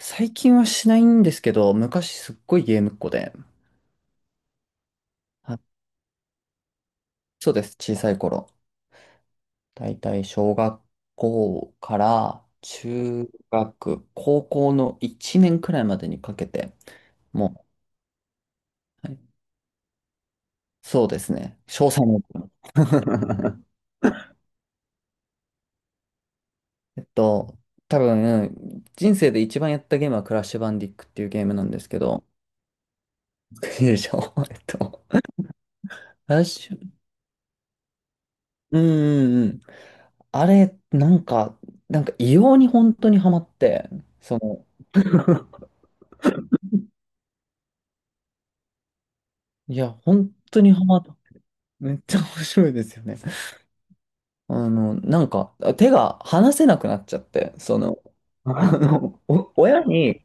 最近はしないんですけど、昔すっごいゲームっ子で。あ、そうです、小さい頃。だいたい小学校から中学、高校の1年くらいまでにかけて、もう、はい、そうですね、詳細も。えっと、多分、人生で一番やったゲームはクラッシュバンディックっていうゲームなんですけど、いい でしょう えっと、クラッシュ、うんうん、あれ、なんか異様に本当にハマって、その、いや、本当にハマった。めっちゃ面白いですよね。なんか、手が離せなくなっちゃって、お親に、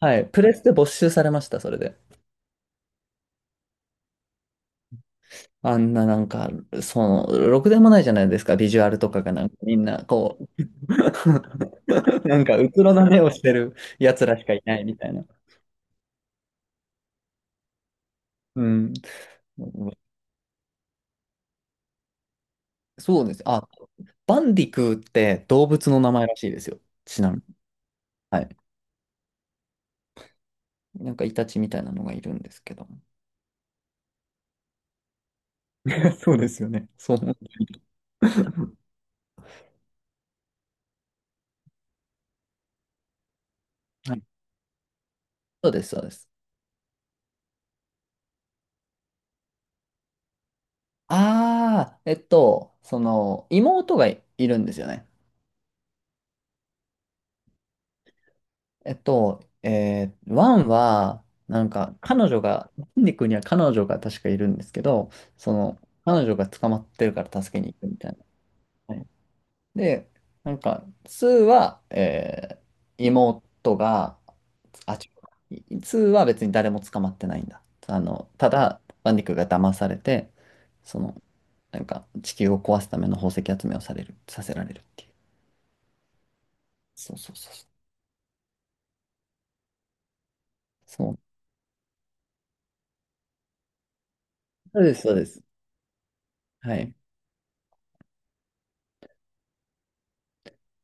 はい、プレステ没収されました、それで。あんな、なんか、そろくでもないじゃないですか、ビジュアルとかがなんかみんな、こう、なんか、うつろな目をしてるやつらしかいないみたいな。うん。そうです。あ、バンディクーって動物の名前らしいですよ。ちなみに。はい。なんかイタチみたいなのがいるんですけど。そうですよね。そう思う。はい。そうです、そうです。ああ、妹がいるんですよね。ワンは、なんか、彼女が、バンディクーには彼女が確かいるんですけど、その、彼女が捕まってるから助けに行くみたいな。で、なんか、ツーは、妹が、あ、違う、ツーは別に誰も捕まってないんだ。ただ、バンディクが騙されて、その、なんか、地球を壊すための宝石集めをされる、させられるっていう。そうそうそうそう。そうそうです、そうです。はい。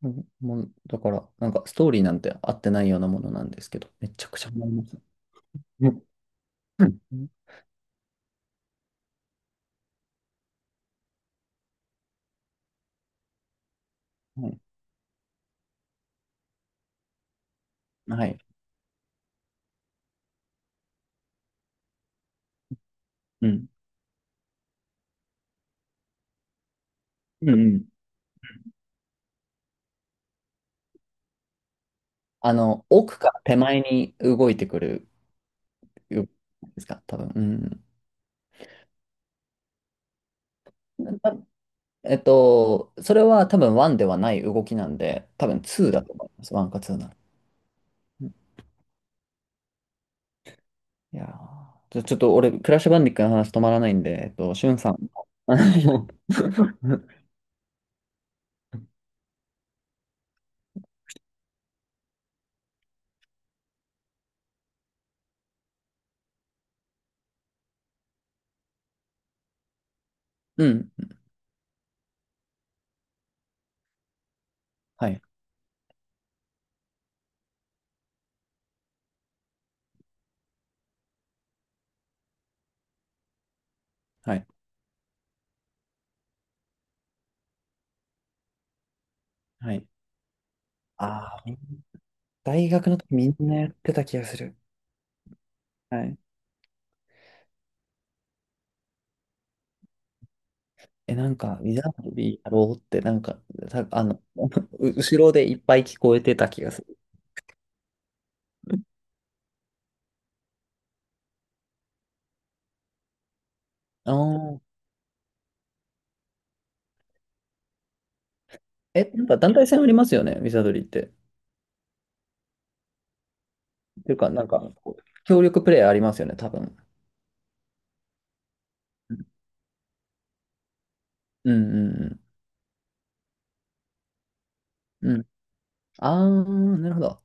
うん、もう、だから、なんか、ストーリーなんて合ってないようなものなんですけど、めちゃくちゃ思います。うんうん、はい。はい。うん。うんうん。奥から手前に動いてくるよですか、多分。うん。たえっと、それは多分1ではない動きなんで、多分2だと思います。1か2なら。うん、いやー、ちょっと俺、クラッシュバンディックの話止まらないんで、しゅんさん。あの うん。はい。はい。はい。ああ、大学の時みんなやってた気がする。はい。え、なんか、ウィザードリーやろうって、なんか、た、あの、後ろでいっぱい聞こえてた気がする。ああ。え、なんか団体戦ありますよね、ウィザードリーって。ていうか、なんか、協力プレイありますよね、多分。うんうんうん。うん。あー、なるほど。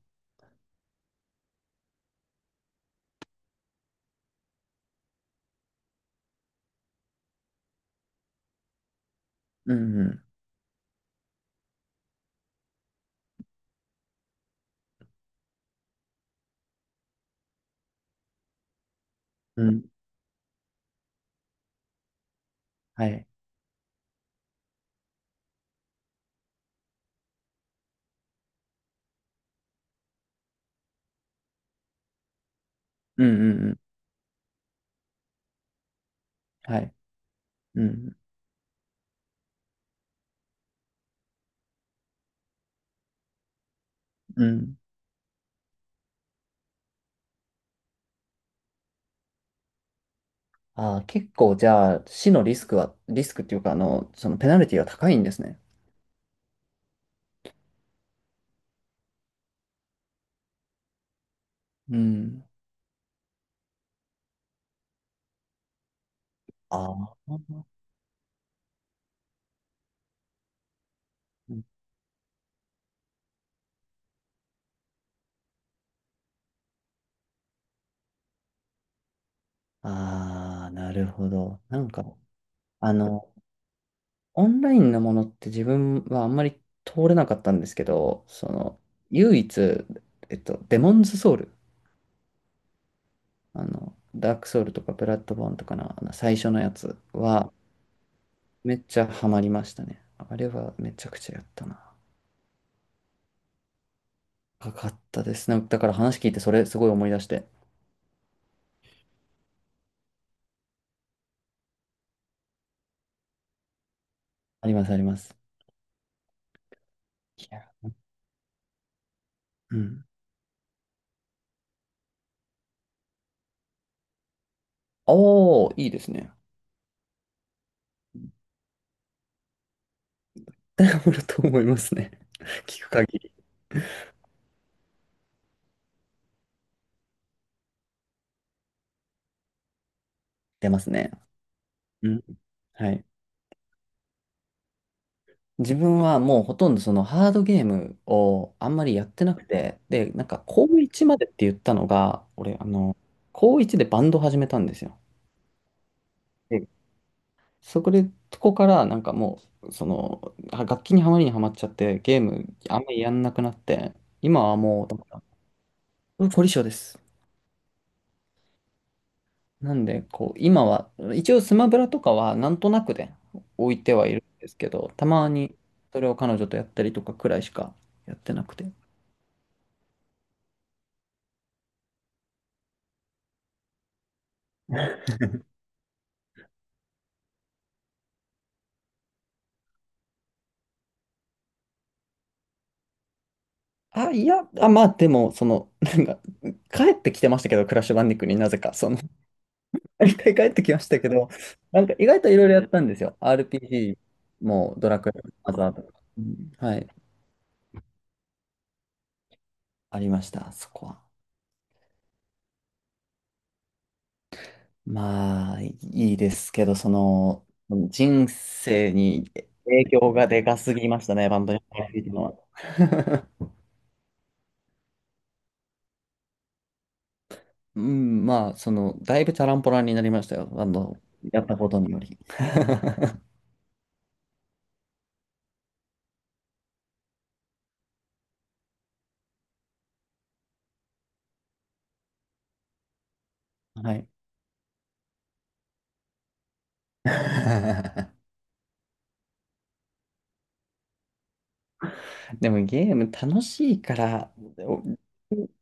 うんうん。うん。はい。うんうんうん。はい。うん。うん。あー、結構じゃあ、死のリスクは、リスクっていうか、そのペナルティは高いんですね。うん。あーあー、なるほど。なんか、あの、オンラインのものって自分はあんまり通れなかったんですけど、唯一、デモンズソウル、ダークソウルとかブラッドボーンとかの、あの最初のやつはめっちゃハマりましたね。あれはめちゃくちゃやったな。かかったですね。だから話聞いてそれすごい思い出して。ありますあります。いや、うん。おー、いいですね。ダブルと思いますね。聞く限り。出ますね。うん。はい。自分はもうほとんどそのハードゲームをあんまりやってなくて、で、なんか高1までって言ったのが、俺、高1でバンド始めたんですよ。で、そこで、とこからなんかもう、楽器にはまりにはまっちゃって、ゲームあんまりやんなくなって、今はもう、うん、凝り性です。なんで、こう、今は、一応スマブラとかはなんとなくで置いてはいるんですけど、たまにそれを彼女とやったりとかくらいしかやってなくて。あ、いや、あ、まあでも、その、なんか、帰ってきてましたけど、クラッシュバンディックになぜか、一回帰ってきましたけど、なんか意外といろいろやったんですよ。RPG もドラクエもマザーとか。うん、はい。ありました、そこは。まあ、いいですけど、人生に影響がでかすぎましたね、バンドに入っていたのは。うん、まあ、だいぶチャランポランになりましたよ、バンドやったことにより。はい。でもゲーム楽しいから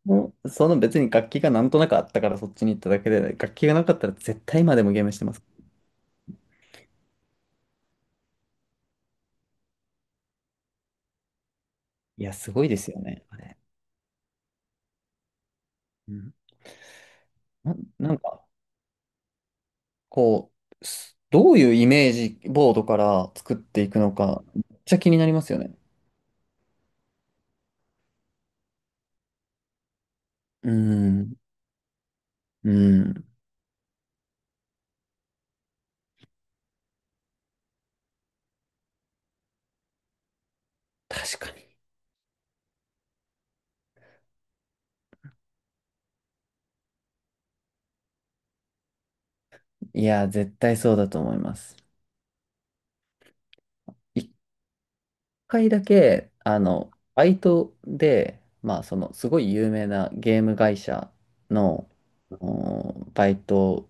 もう、別に楽器がなんとなくあったからそっちに行っただけで、楽器がなかったら絶対今でもゲームしてます。いや、すごいですよね、あれ。うん。なんか、こう、どういうイメージボードから作っていくのか、めっちゃ気になりますよね。うん、うん、確かに。いや、絶対そうだと思います。一回だけ、バイトで、まあ、すごい有名なゲーム会社の、あのバイト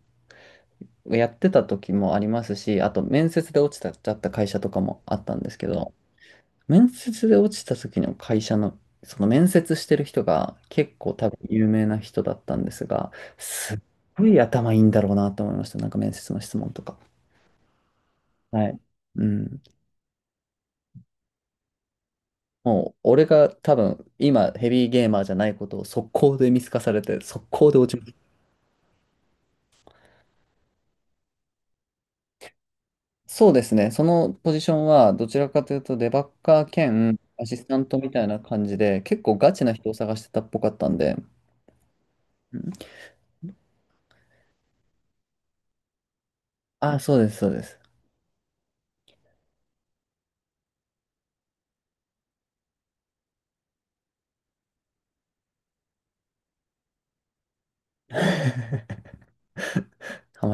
やってた時もありますし、あと面接で落ちた、ちゃった会社とかもあったんですけど、面接で落ちた時の会社の、その面接してる人が結構多分有名な人だったんですが、すっごい頭いいんだろうなと思いました。なんか面接の質問とか。はい。うん。もう、俺が多分今ヘビーゲーマーじゃないことを速攻で見透かされて、速攻で落ちそうですね。そのポジションは、どちらかというと、デバッカー兼アシスタントみたいな感じで、結構ガチな人を探してたっぽかったんで。うん、あ、そうです、そうです。